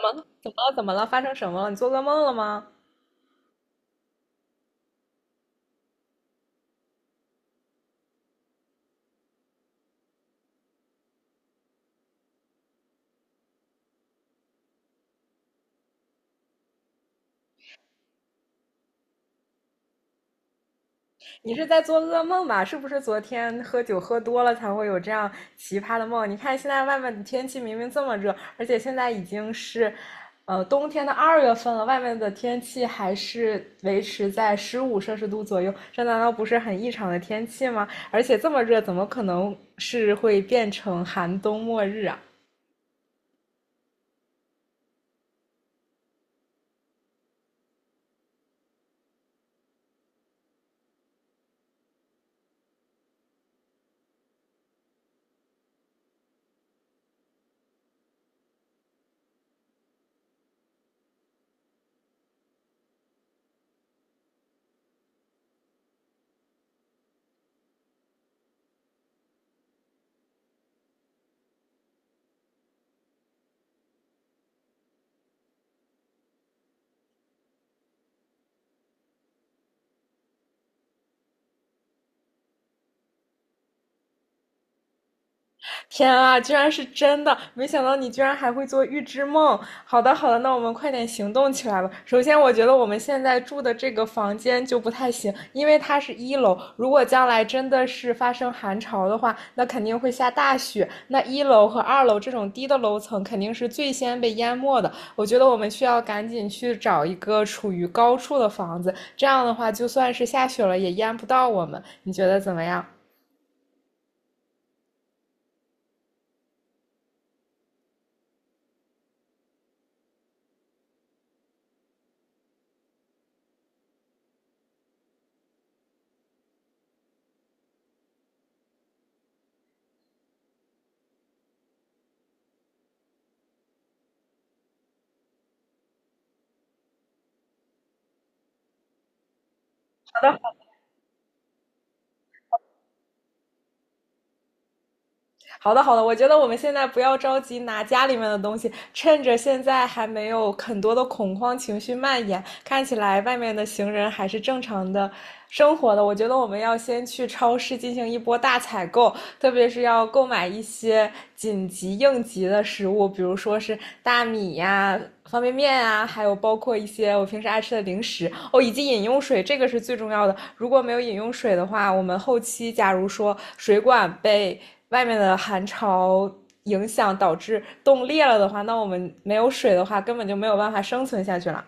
怎么怎么了？怎么了？发生什么了？你做噩梦了吗？你是在做噩梦吧？是不是昨天喝酒喝多了才会有这样奇葩的梦？你看现在外面的天气明明这么热，而且现在已经是，冬天的2月份了，外面的天气还是维持在15摄氏度左右，这难道不是很异常的天气吗？而且这么热，怎么可能是会变成寒冬末日啊？天啊，居然是真的！没想到你居然还会做预知梦。好的，好的，那我们快点行动起来吧。首先，我觉得我们现在住的这个房间就不太行，因为它是一楼。如果将来真的是发生寒潮的话，那肯定会下大雪。那一楼和二楼这种低的楼层肯定是最先被淹没的。我觉得我们需要赶紧去找一个处于高处的房子，这样的话，就算是下雪了也淹不到我们。你觉得怎么样？好的，好的，我觉得我们现在不要着急拿家里面的东西，趁着现在还没有很多的恐慌情绪蔓延，看起来外面的行人还是正常的生活的。我觉得我们要先去超市进行一波大采购，特别是要购买一些紧急应急的食物，比如说是大米呀、啊方便面啊，还有包括一些我平时爱吃的零食。哦，以及饮用水，这个是最重要的。如果没有饮用水的话，我们后期假如说水管被外面的寒潮影响导致冻裂了的话，那我们没有水的话，根本就没有办法生存下去了。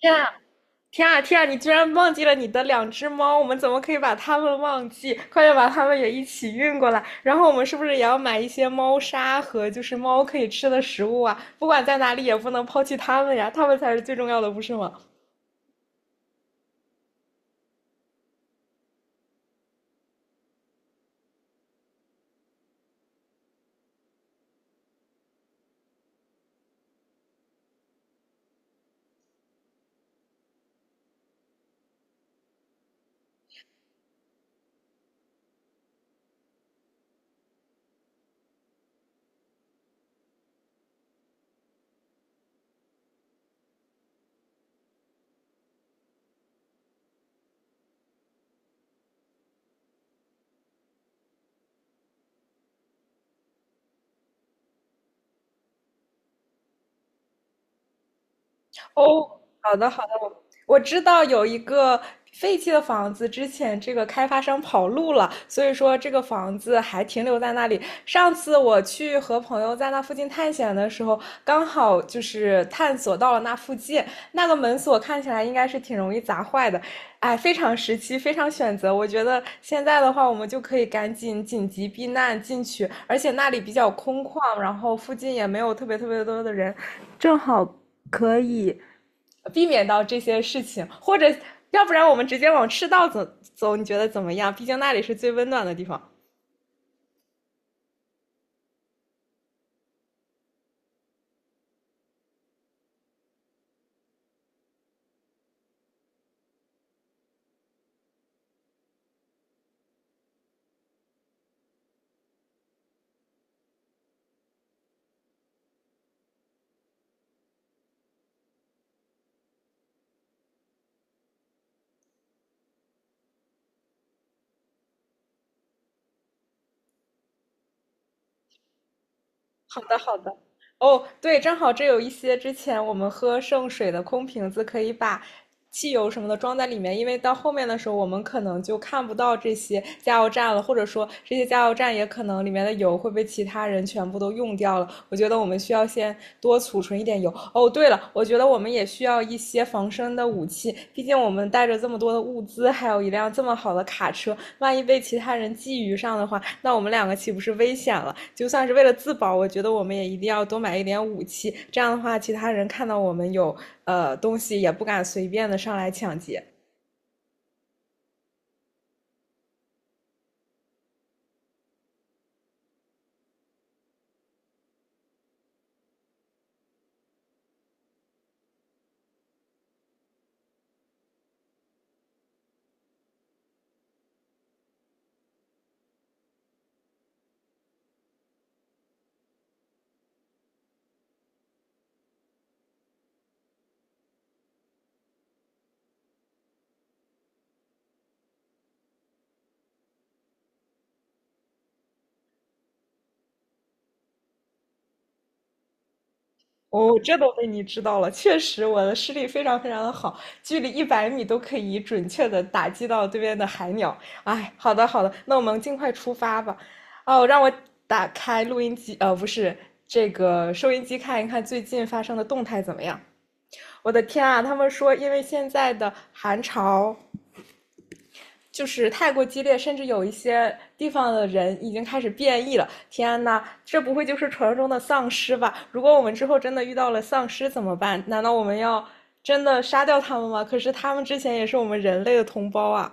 天啊！天啊天啊！你居然忘记了你的两只猫，我们怎么可以把它们忘记？快点把它们也一起运过来。然后我们是不是也要买一些猫砂和就是猫可以吃的食物啊？不管在哪里也不能抛弃它们呀，它们才是最重要的，不是吗？哦，好的好的，我知道有一个废弃的房子，之前这个开发商跑路了，所以说这个房子还停留在那里。上次我去和朋友在那附近探险的时候，刚好就是探索到了那附近，那个门锁看起来应该是挺容易砸坏的，哎，非常时期，非常选择。我觉得现在的话，我们就可以赶紧紧急避难进去，而且那里比较空旷，然后附近也没有特别特别多的人。避免到这些事情，或者要不然我们直接往赤道走，你觉得怎么样？毕竟那里是最温暖的地方。好的，好的。哦，对，正好这有一些之前我们喝剩水的空瓶子，可以把汽油什么的装在里面，因为到后面的时候，我们可能就看不到这些加油站了，或者说这些加油站也可能里面的油会被其他人全部都用掉了。我觉得我们需要先多储存一点油。哦，对了，我觉得我们也需要一些防身的武器，毕竟我们带着这么多的物资，还有一辆这么好的卡车，万一被其他人觊觎上的话，那我们两个岂不是危险了？就算是为了自保，我觉得我们也一定要多买一点武器。这样的话，其他人看到我们有东西，也不敢随便的上来抢劫。哦，这都被你知道了，确实我的视力非常非常的好，距离100米都可以准确的打击到对面的海鸟。哎，好的好的，那我们尽快出发吧。哦，让我打开录音机，不是这个收音机，看一看最近发生的动态怎么样。我的天啊！他们说，因为现在的寒潮就是太过激烈，甚至有一些地方的人已经开始变异了。天呐，这不会就是传说中的丧尸吧？如果我们之后真的遇到了丧尸怎么办？难道我们要真的杀掉他们吗？可是他们之前也是我们人类的同胞啊！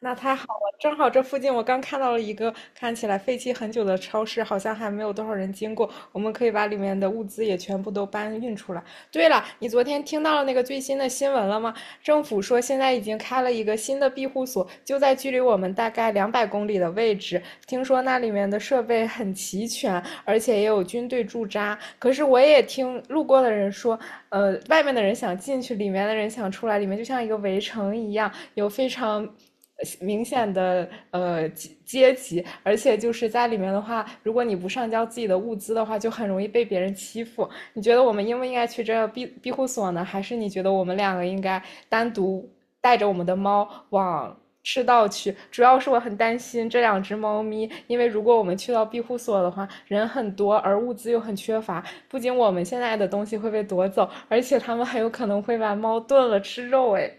那太好了，正好这附近我刚看到了一个看起来废弃很久的超市，好像还没有多少人经过，我们可以把里面的物资也全部都搬运出来。对了，你昨天听到了那个最新的新闻了吗？政府说现在已经开了一个新的庇护所，就在距离我们大概200公里的位置。听说那里面的设备很齐全，而且也有军队驻扎。可是我也听路过的人说，外面的人想进去，里面的人想出来，里面就像一个围城一样。有非常明显的阶级，而且就是在里面的话，如果你不上交自己的物资的话，就很容易被别人欺负。你觉得我们应不应该去这庇护所呢？还是你觉得我们两个应该单独带着我们的猫往？赤道去，主要是我很担心这两只猫咪，因为如果我们去到庇护所的话，人很多，而物资又很缺乏，不仅我们现在的东西会被夺走，而且它们很有可能会把猫炖了吃肉。哎，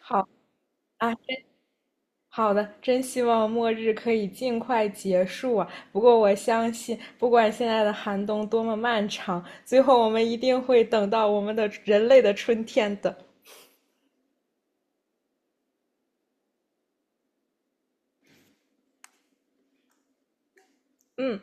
好，哎，好的，真希望末日可以尽快结束啊！不过我相信，不管现在的寒冬多么漫长，最后我们一定会等到我们的人类的春天的。嗯。